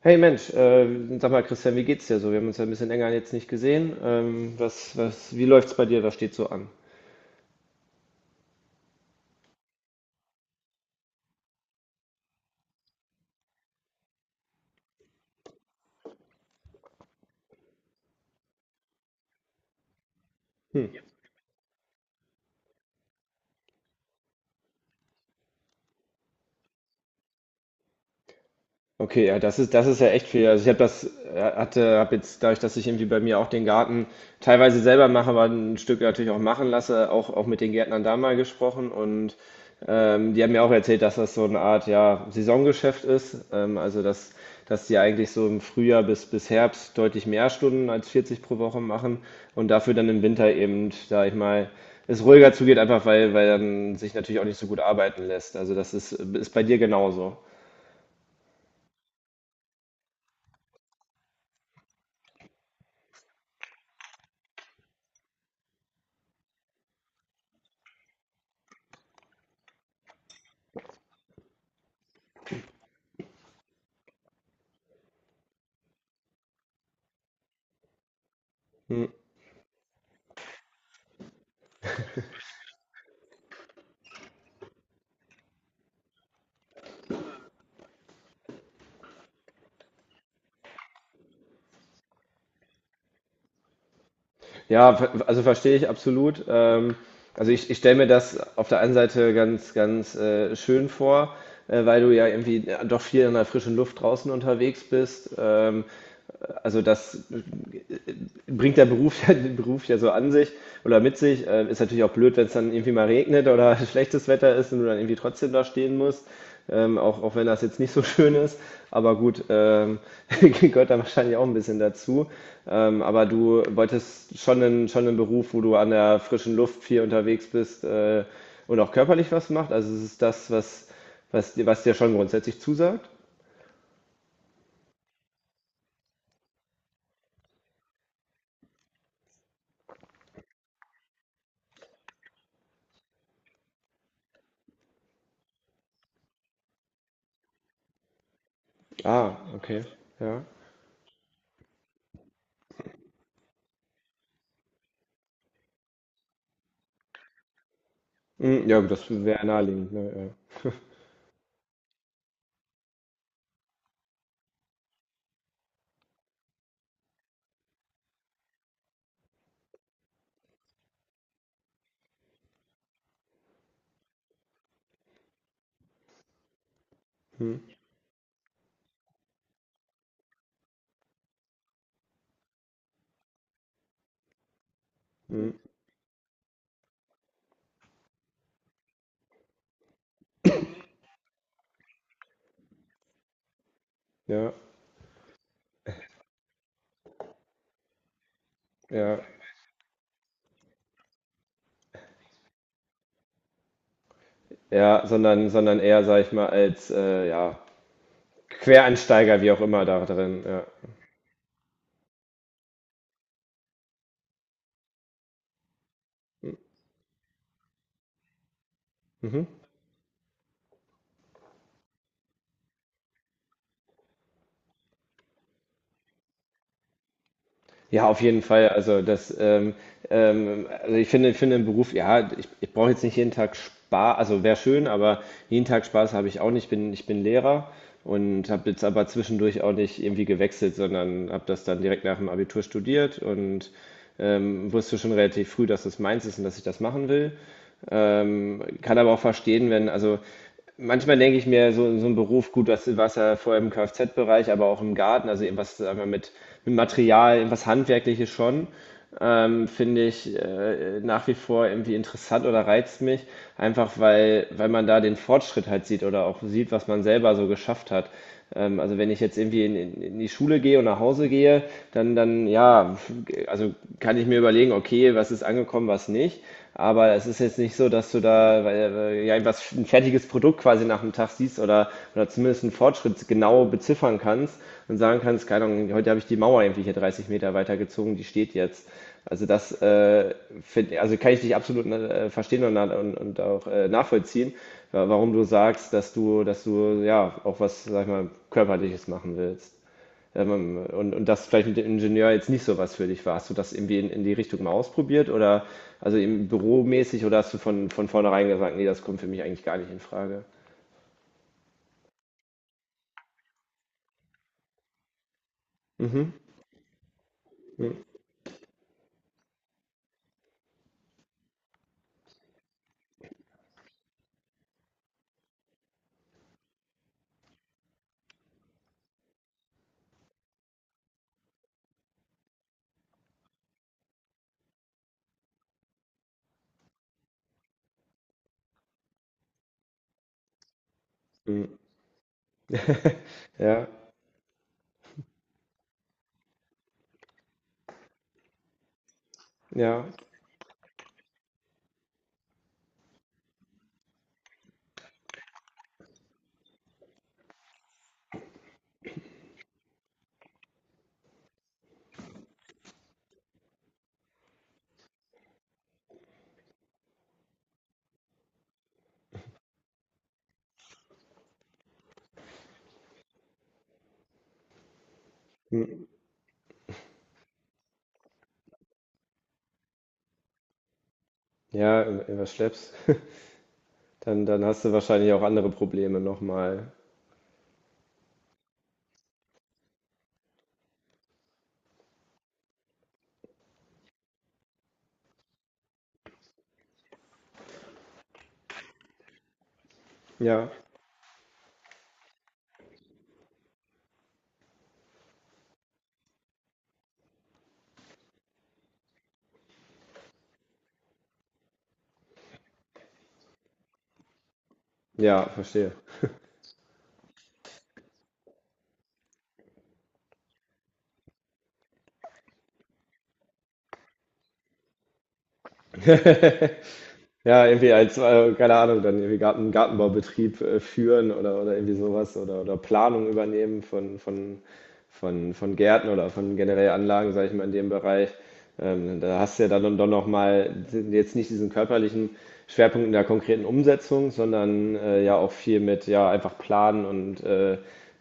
Hey Mensch, sag mal Christian, wie geht's dir so? Wir haben uns ja ein bisschen länger jetzt nicht gesehen. Wie läuft's bei dir? Was steht so an? Hm. Okay, ja, das ist ja echt viel. Also ich habe jetzt dadurch, dass ich irgendwie bei mir auch den Garten teilweise selber mache, aber ein Stück natürlich auch machen lasse, auch, auch mit den Gärtnern da mal gesprochen und die haben mir auch erzählt, dass das so eine Art, ja, Saisongeschäft ist. Also dass die eigentlich so im Frühjahr bis Herbst deutlich mehr Stunden als 40 pro Woche machen und dafür dann im Winter eben, sag ich mal, es ruhiger zugeht, einfach weil dann sich natürlich auch nicht so gut arbeiten lässt. Also das ist, ist bei dir genauso. Also verstehe ich absolut. Ich stelle mir das auf der einen Seite ganz, ganz schön vor, weil du ja irgendwie doch viel in der frischen Luft draußen unterwegs bist. Also das bringt der Beruf, der Beruf ja so an sich oder mit sich. Ist natürlich auch blöd, wenn es dann irgendwie mal regnet oder schlechtes Wetter ist und du dann irgendwie trotzdem da stehen musst. Auch, auch wenn das jetzt nicht so schön ist. Aber gut, gehört da wahrscheinlich auch ein bisschen dazu. Aber du wolltest schon einen Beruf, wo du an der frischen Luft viel unterwegs bist und auch körperlich was macht. Also es ist das, was, was dir schon grundsätzlich zusagt. Ah, okay. Ja. Hm, ja, gut, das wäre naheliegend. Ne? Ja. Hm, hm. Ja, ja, ja, sondern eher, sag ich mal, als ja, Quereinsteiger, wie auch immer, da drin. Ja. Mhm. Ja, auf jeden Fall. Also das, ich finde den Beruf, ja, ich brauche jetzt nicht jeden Tag Spaß, also wäre schön, aber jeden Tag Spaß habe ich auch nicht. Ich bin Lehrer und habe jetzt aber zwischendurch auch nicht irgendwie gewechselt, sondern habe das dann direkt nach dem Abitur studiert und wusste schon relativ früh, dass das meins ist und dass ich das machen will. Kann aber auch verstehen, wenn, also manchmal denke ich mir, so, so ein Beruf, gut, das war es ja vorher im Kfz-Bereich, aber auch im Garten, also irgendwas, sagen wir, mit Material, irgendwas Handwerkliches schon finde ich nach wie vor irgendwie interessant oder reizt mich, einfach weil man da den Fortschritt halt sieht oder auch sieht, was man selber so geschafft hat. Also wenn ich jetzt irgendwie in die Schule gehe und nach Hause gehe, dann, dann ja, also kann ich mir überlegen, okay, was ist angekommen, was nicht. Aber es ist jetzt nicht so, dass du da, weil, ja, ein, was ein fertiges Produkt quasi nach dem Tag siehst oder zumindest einen Fortschritt genau beziffern kannst und sagen kannst, keine Ahnung, heute habe ich die Mauer irgendwie hier 30 Meter weitergezogen, die steht jetzt. Also das also kann ich dich absolut verstehen und, und auch nachvollziehen, warum du sagst, dass du ja auch was, sag ich mal, Körperliches machen willst. Und das vielleicht mit dem Ingenieur jetzt nicht so was für dich war. Hast du das irgendwie in die Richtung mal ausprobiert oder also im Büromäßig oder hast du von vornherein gesagt, nee, das kommt für mich eigentlich gar nicht in Frage? Hm. Ja, ja, hm. Ja, was schleppst, dann, dann hast du wahrscheinlich auch andere Probleme nochmal. Ja, ja, verstehe. Ja, irgendwie als, keine Ahnung, dann irgendwie Garten, Gartenbaubetrieb führen oder irgendwie sowas oder Planung übernehmen von Gärten oder von generell Anlagen, sage ich mal, in dem Bereich. Da hast du ja dann doch nochmal jetzt nicht diesen körperlichen Schwerpunkt in der konkreten Umsetzung, sondern ja auch viel mit ja einfach planen und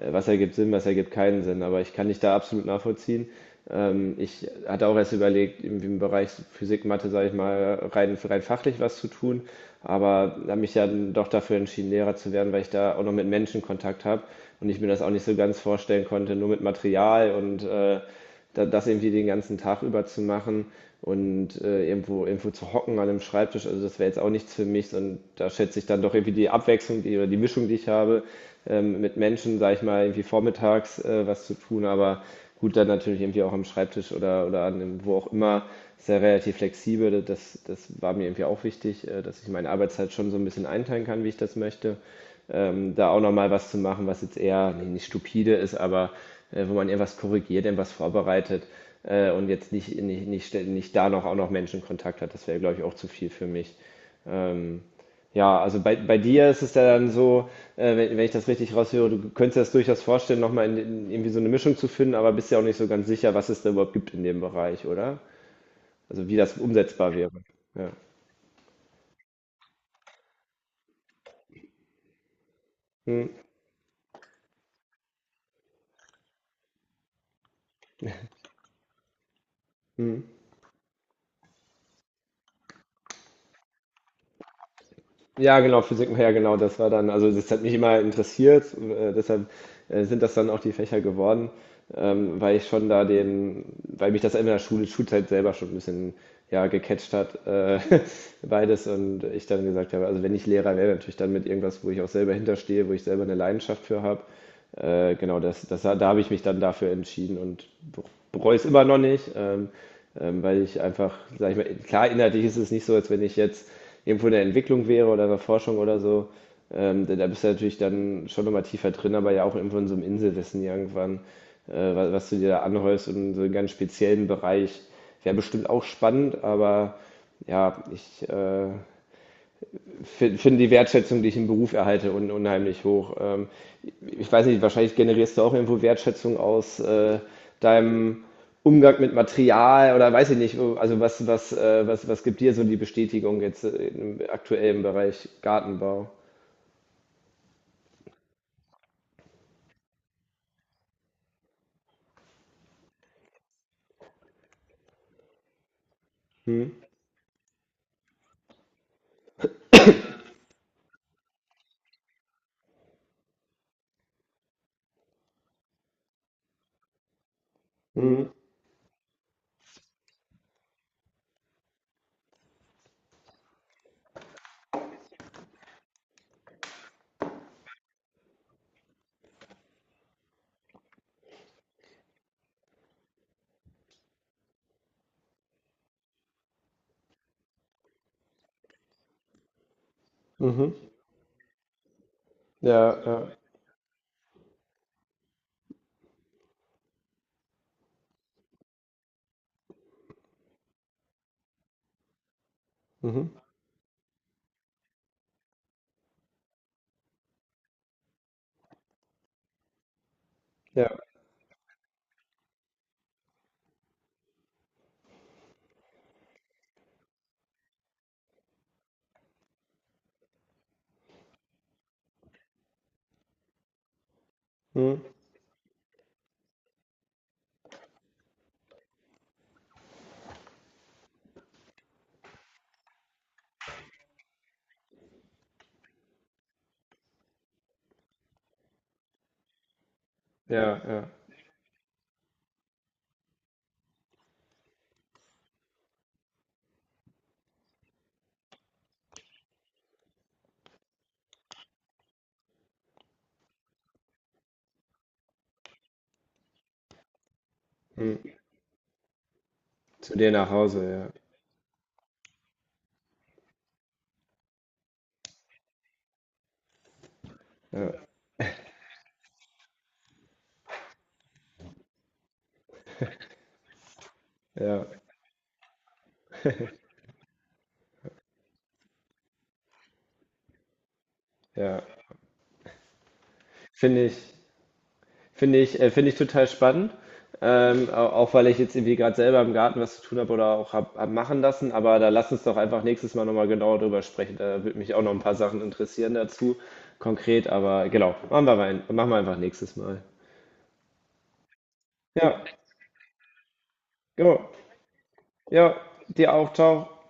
was ergibt Sinn, was ergibt keinen Sinn. Aber ich kann dich da absolut nachvollziehen. Ich hatte auch erst überlegt, irgendwie im Bereich Physik, Mathe, sage ich mal, rein fachlich was zu tun, aber habe mich ja dann doch dafür entschieden, Lehrer zu werden, weil ich da auch noch mit Menschen Kontakt habe und ich mir das auch nicht so ganz vorstellen konnte, nur mit Material und das irgendwie den ganzen Tag über zu machen und irgendwo zu hocken an einem Schreibtisch, also das wäre jetzt auch nichts für mich und da schätze ich dann doch irgendwie die Abwechslung die, oder die Mischung, die ich habe mit Menschen, sage ich mal, irgendwie vormittags was zu tun, aber gut, dann natürlich irgendwie auch am Schreibtisch oder an dem, wo auch immer, ist ja relativ flexibel, das, das war mir irgendwie auch wichtig, dass ich meine Arbeitszeit schon so ein bisschen einteilen kann, wie ich das möchte da auch nochmal was zu machen, was jetzt eher nee, nicht stupide ist, aber wo man eher was korrigiert, eher was vorbereitet und jetzt nicht da noch auch noch Menschenkontakt hat. Das wäre, glaube ich, auch zu viel für mich. Ähm, ja, also bei dir ist es ja dann so, wenn ich das richtig raushöre, du könntest dir das durchaus vorstellen, nochmal in irgendwie so eine Mischung zu finden, aber bist ja auch nicht so ganz sicher, was es da überhaupt gibt in dem Bereich, oder? Also wie das umsetzbar wäre. Ja. Hm, hm. Ja, genau, Physik, ja, genau, das war dann, also das hat mich immer interessiert, deshalb sind das dann auch die Fächer geworden, weil ich schon da den, weil mich das in der Schulzeit selber schon ein bisschen, ja, gecatcht hat, beides und ich dann gesagt habe, also wenn ich Lehrer wäre, natürlich dann mit irgendwas, wo ich auch selber hinterstehe, wo ich selber eine Leidenschaft für habe genau, das, das, da habe ich mich dann dafür entschieden und bereue es immer noch nicht, weil ich einfach, sag ich mal, klar, inhaltlich ist es nicht so, als wenn ich jetzt irgendwo in der Entwicklung wäre oder in der Forschung oder so. Da, da bist du natürlich dann schon nochmal tiefer drin, aber ja auch irgendwo in so einem Inselwissen irgendwann, was du dir da anhäufst und so einen ganz speziellen Bereich. Wäre bestimmt auch spannend, aber ja, ich finde die Wertschätzung, die ich im Beruf erhalte, un unheimlich hoch. Ich weiß nicht, wahrscheinlich generierst du auch irgendwo Wertschätzung aus deinem Umgang mit Material oder weiß ich nicht, also was gibt dir so die Bestätigung jetzt im aktuellen Bereich Gartenbau? Hm? Mhm. Mhm. Ja, ja. Mhm. Ja. Mhm. Ja, ja. Mhm. Zu dir nach Hause, ja. Ja, ja, ja. Finde ich. Finde ich total spannend. Auch weil ich jetzt irgendwie gerade selber im Garten was zu tun habe oder auch hab machen lassen. Aber da lass uns doch einfach nächstes Mal nochmal genauer drüber sprechen. Da würde mich auch noch ein paar Sachen interessieren dazu, konkret. Aber genau, machen wir einfach nächstes Mal. Ja, genau. Ja, dir auch. Ciao.